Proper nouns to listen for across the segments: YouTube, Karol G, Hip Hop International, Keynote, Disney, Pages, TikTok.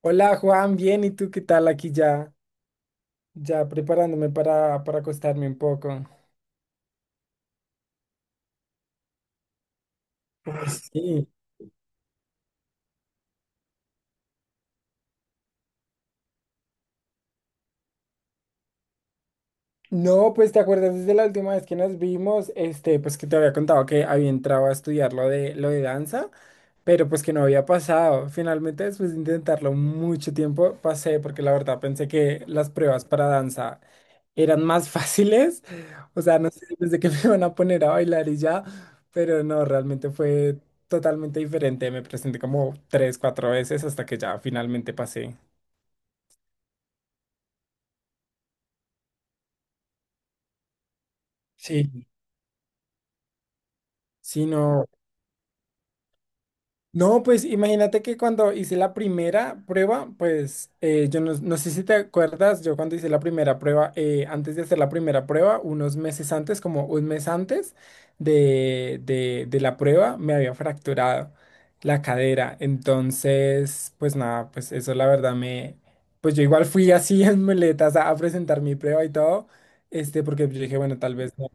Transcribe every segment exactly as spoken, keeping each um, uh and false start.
Hola Juan, bien, ¿y tú qué tal? Aquí ya, ya preparándome para, para acostarme un poco. Uy, sí. No, pues te acuerdas desde la última vez que nos vimos, este, pues que te había contado que había entrado a estudiar lo de, lo de danza. Pero pues que no había pasado. Finalmente, después de intentarlo mucho tiempo, pasé porque la verdad pensé que las pruebas para danza eran más fáciles. O sea, no sé, pensé que me iban a poner a bailar y ya, pero no, realmente fue totalmente diferente. Me presenté como tres, cuatro veces hasta que ya finalmente pasé. Sí, sí, no. No, pues imagínate que cuando hice la primera prueba, pues eh, yo no, no sé si te acuerdas, yo cuando hice la primera prueba, eh, antes de hacer la primera prueba, unos meses antes, como un mes antes de, de, de la prueba, me había fracturado la cadera. Entonces, pues nada, pues eso la verdad me, pues yo igual fui así en muletas a, a presentar mi prueba y todo, este, porque yo dije, bueno, tal vez, no,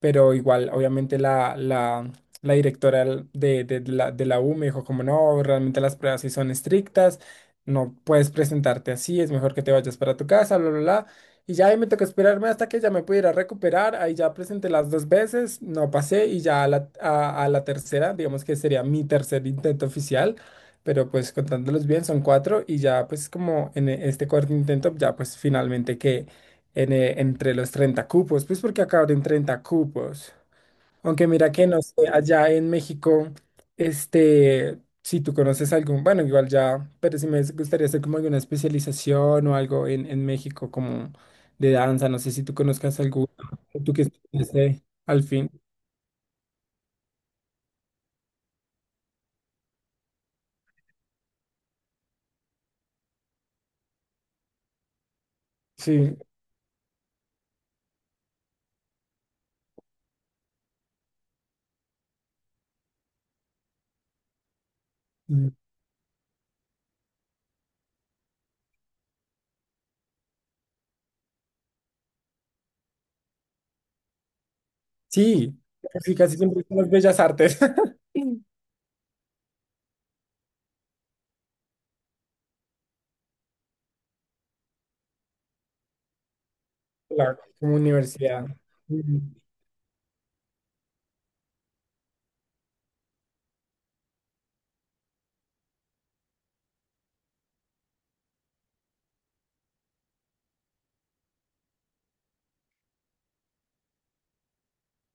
pero igual, obviamente la, la, la directora del- de, de- de la, de la U me dijo como no, realmente las pruebas sí son estrictas, no puedes presentarte así, es mejor que te vayas para tu casa, bla, bla, bla. Y ya ahí me tocó esperarme hasta que ya me pudiera recuperar, ahí ya presenté las dos veces, no pasé y ya a la, a, a la tercera, digamos que sería mi tercer intento oficial. Pero pues contándolos bien son cuatro y ya pues como en e- este cuarto intento ya pues finalmente en, eh, entre los treinta cupos, pues porque acá abren treinta cupos. Aunque mira que no sé, allá en México, este, si tú conoces algún, bueno, igual ya, pero si me gustaría hacer como alguna especialización o algo en, en México como de danza, no sé si tú conozcas alguna, o tú que estudiaste al fin. Sí, mm, sí, casi casi siempre son las bellas artes, la, como universidad. Mm.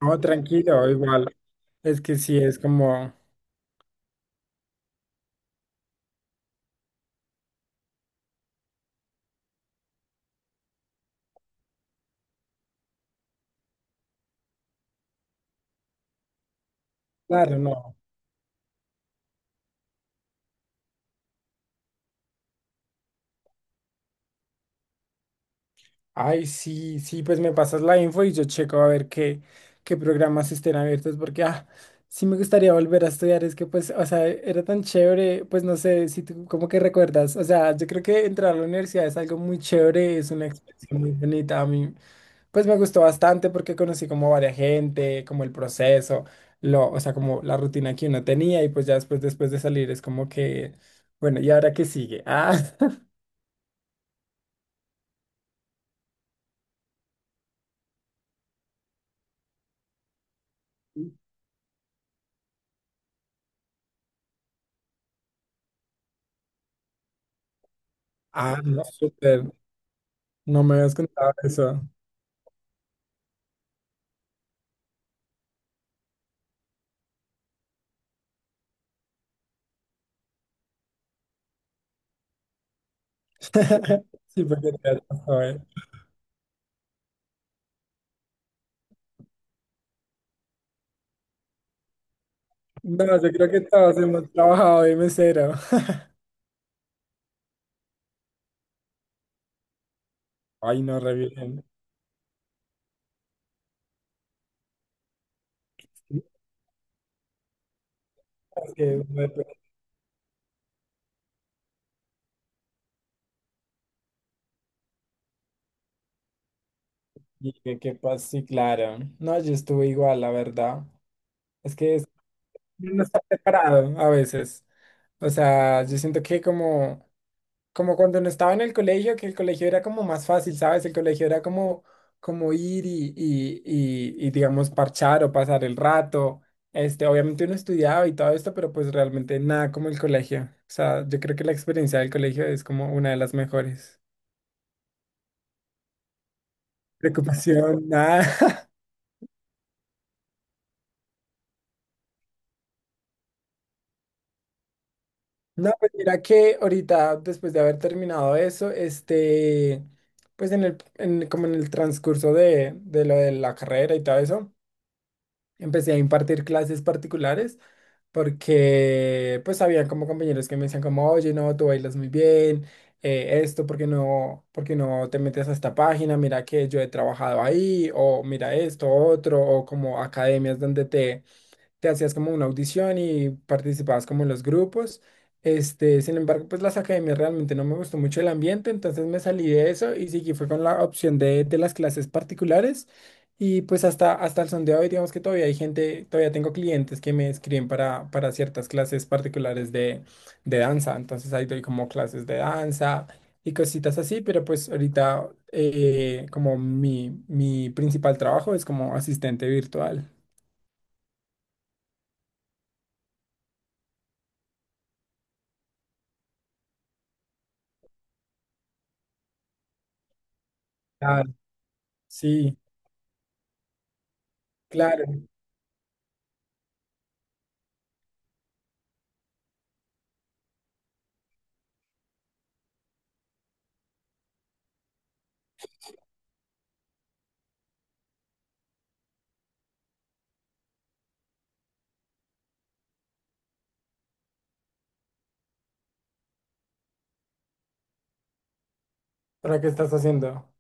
No, tranquilo, igual, es que sí, es como, claro, no. Ay, sí, sí, pues me pasas la info y yo checo a ver qué, qué programas estén abiertos, porque ah, sí me gustaría volver a estudiar, es que pues, o sea, era tan chévere, pues no sé si tú como que recuerdas, o sea, yo creo que entrar a la universidad es algo muy chévere, es una experiencia muy bonita, a mí pues me gustó bastante porque conocí como varias gente, como el proceso, lo, o sea, como la rutina que uno tenía y pues ya después, después de salir es como que, bueno, ¿y ahora qué sigue? Ah, ah, no, súper, no me habías contado eso. Sí, porque te das, joder. No, yo creo que todos hemos trabajado de mesero. Ay, no, re bien. Sí, es que me persigue, ¿qué pasa? Sí, claro. No, yo estuve igual, la verdad. Es que es- uno no está preparado a veces. O sea, yo siento que como como cuando no estaba en el colegio, que el colegio era como más fácil, ¿sabes? El colegio era como, como ir y, y, y, y, digamos, parchar o pasar el rato. Este, obviamente uno estudiaba y todo esto, pero pues realmente nada como el colegio. O sea, yo creo que la experiencia del colegio es como una de las mejores. Preocupación, nada. No, pues mira que ahorita, después de haber terminado eso, este, pues en el, en- como en el transcurso de, de lo de la carrera y todo eso. Empecé a impartir clases particulares porque pues había como compañeros que me decían como, oye, no, tú bailas muy bien, eh, esto, ¿por qué no, por qué no te metes a esta página? Mira que yo he trabajado ahí, o mira esto, otro, o como academias donde te te hacías como una audición y participabas como en los grupos. Este, sin embargo, pues las academias realmente no me gustó mucho el ambiente, entonces me salí de eso y seguí fue con la opción de, de las clases particulares. Y pues hasta, hasta el son de hoy, digamos que todavía hay gente, todavía tengo clientes que me escriben para, para ciertas clases particulares de, de danza. Entonces ahí doy como clases de danza y cositas así, pero pues ahorita eh, como mi, mi principal trabajo es como asistente virtual. Claro. Sí. Claro, ¿para qué estás haciendo?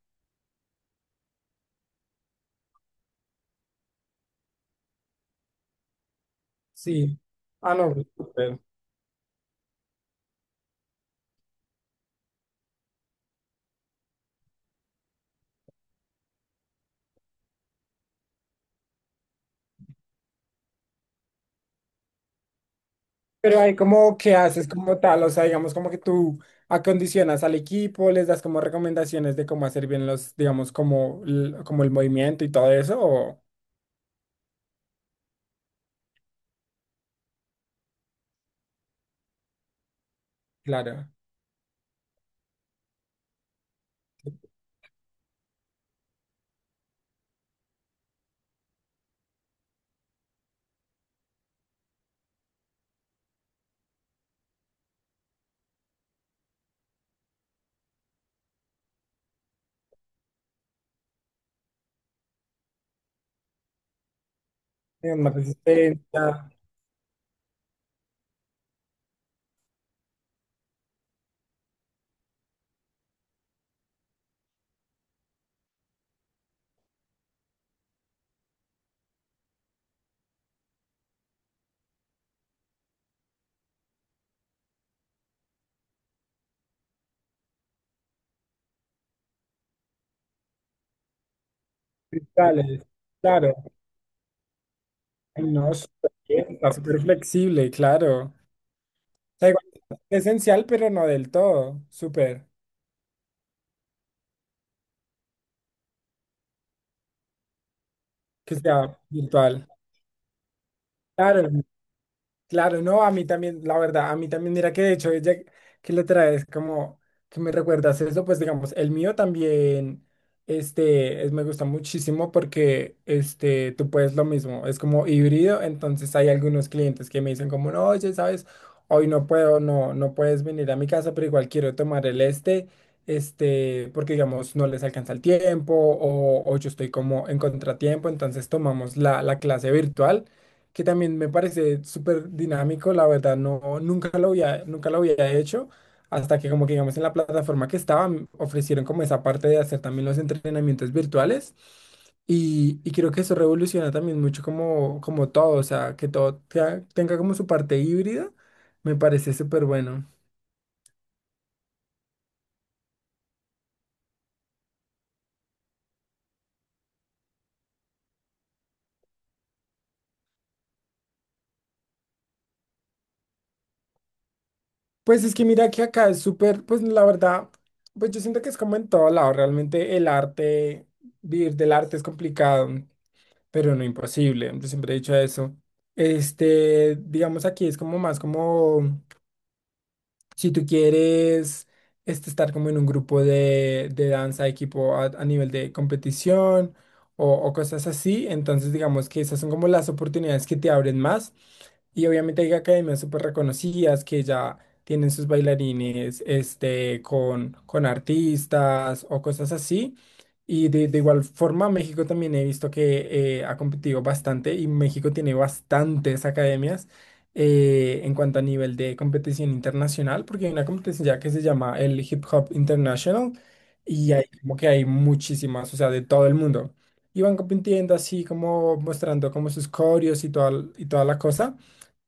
Sí. Ah, no, pues, súper. Pero hay como que haces como tal, o sea, digamos como que tú acondicionas al equipo, les das como recomendaciones de cómo hacer bien los, digamos, como, l- como el movimiento y todo eso, o claro, digamos, más resistencia, cristales, claro. Ay, no, súper bien, está súper flexible, claro. O sea, igual, es esencial, pero no del todo, súper, que sea virtual. Claro, claro, no, a mí también, la verdad, a mí también, mira que de hecho, ella que le traes como que me recuerdas eso, pues digamos, el mío también, este, es, me gusta muchísimo porque, este, tú puedes lo mismo, es como híbrido, entonces hay algunos clientes que me dicen como, no, oye, sabes, hoy no puedo, no, no puedes venir a mi casa, pero igual quiero tomar el este, este, porque digamos, no les alcanza el tiempo o, o yo estoy como en contratiempo, entonces tomamos la, la clase virtual que también me parece súper dinámico, la verdad, no, nunca lo había, nunca lo había hecho, hasta que como que digamos en la plataforma que estaba, m- ofrecieron como esa parte de hacer también los entrenamientos virtuales y, y creo que eso revoluciona también mucho como, como todo, o sea, que todo tea- tenga como su parte híbrida, me parece súper bueno. Pues es que mira que acá es súper, pues la verdad, pues yo siento que es como en todo lado, realmente el arte, vivir del arte es complicado, pero no imposible. Yo siempre he dicho eso. Este, digamos, aquí es como más como, si tú quieres este, estar como en un grupo de, de danza, equipo a, a nivel de competición o, o cosas así, entonces digamos que esas son como las oportunidades que te abren más. Y obviamente hay academias súper reconocidas que ya tienen sus bailarines este, con, con artistas o cosas así. Y de, de igual forma, México también he visto que eh, ha competido bastante y México tiene bastantes academias eh, en cuanto a nivel de competición internacional, porque hay una competición ya que se llama el Hip Hop International y hay como que hay muchísimas, o sea, de todo el mundo. Y van compitiendo así como mostrando como sus coreos y toda, y toda la cosa.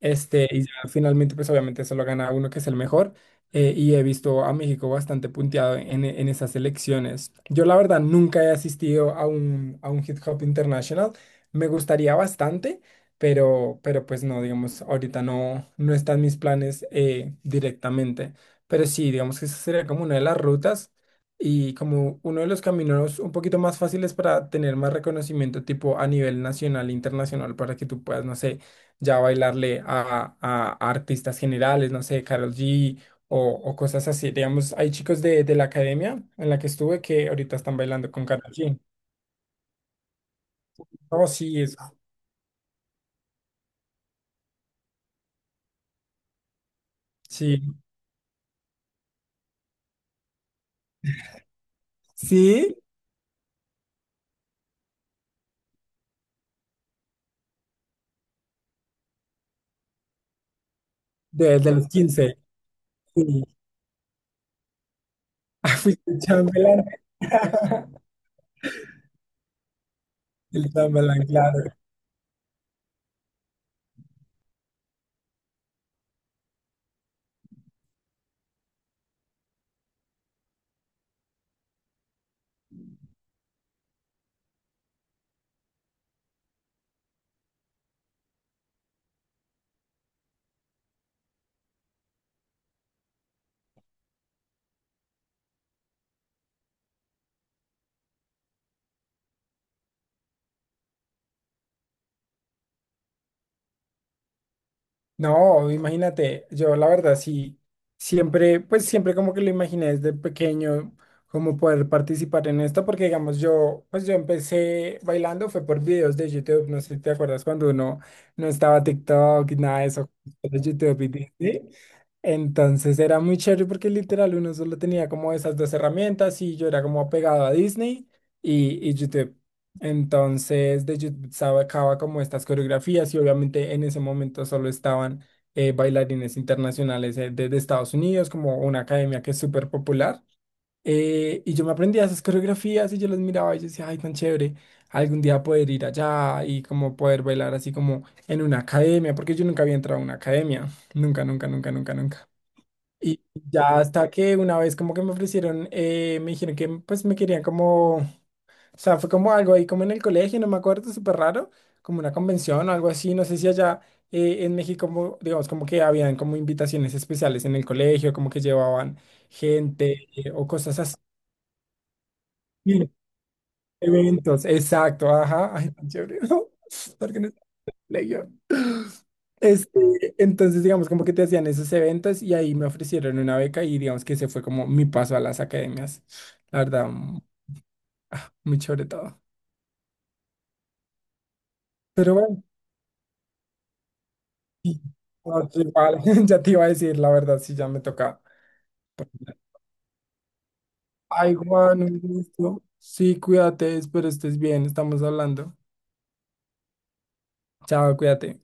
Este, y ya finalmente, pues obviamente se lo gana uno que es el mejor. eh, y he visto a México bastante punteado en, en esas elecciones. Yo la verdad nunca he asistido a un, a un Hip Hop International. Me gustaría bastante, pero, pero pues no, digamos, ahorita no, no están mis planes eh, directamente, pero sí, digamos que esa sería como una de las rutas y como uno de los caminos un poquito más fáciles para tener más reconocimiento tipo a nivel nacional e internacional para que tú puedas, no sé, ya bailarle a, a- a artistas generales, no sé, Karol G. O, o cosas así, digamos, hay chicos de, de la academia en la que estuve que ahorita están bailando con Karol G. Oh, sí, es, sí, sí, desde los quince. Ah, fuiste el chambelán. El chambelán, claro. No, imagínate, yo la verdad sí, siempre, pues siempre como que lo imaginé desde pequeño, como poder participar en esto, porque digamos yo, pues yo empecé bailando, fue por videos de YouTube, no sé si te acuerdas cuando uno no estaba TikTok, y nada de eso, solo YouTube y Disney. Entonces era muy chévere porque literal uno solo tenía como esas dos herramientas y yo era como pegado a Disney y, y YouTube. Entonces, de YouTube sacaba como estas coreografías y obviamente en ese momento solo estaban eh, bailarines internacionales eh, de, de Estados Unidos, como una academia que es súper popular. Eh, y yo me aprendía esas coreografías y yo las miraba y yo decía, ay, tan chévere, algún día poder ir allá y como poder bailar así como en una academia, porque yo nunca había entrado a una academia, nunca, nunca, nunca, nunca, nunca. Y ya hasta que una vez como que me ofrecieron, eh, me dijeron que pues me querían como. O sea, fue como algo ahí como en el colegio, no me acuerdo, súper raro, como una convención o algo así, no sé si allá eh, en México, como, digamos, como que habían como invitaciones especiales en el colegio, como que llevaban gente eh, o cosas así, sí, eventos, exacto, ajá, ay, tan chévere, ¿no? porque no es colegio. Este, entonces, digamos, como que te hacían esos eventos y ahí me ofrecieron una beca y digamos que ese fue como mi paso a las academias, la verdad, mm, ah, muy chévere todo. Pero bueno. No, sí, vale, ya te iba a decir, la verdad, sí, ya me toca. Ay, Juan, un gusto. Sí, cuídate, espero estés bien, estamos hablando. Chao, cuídate.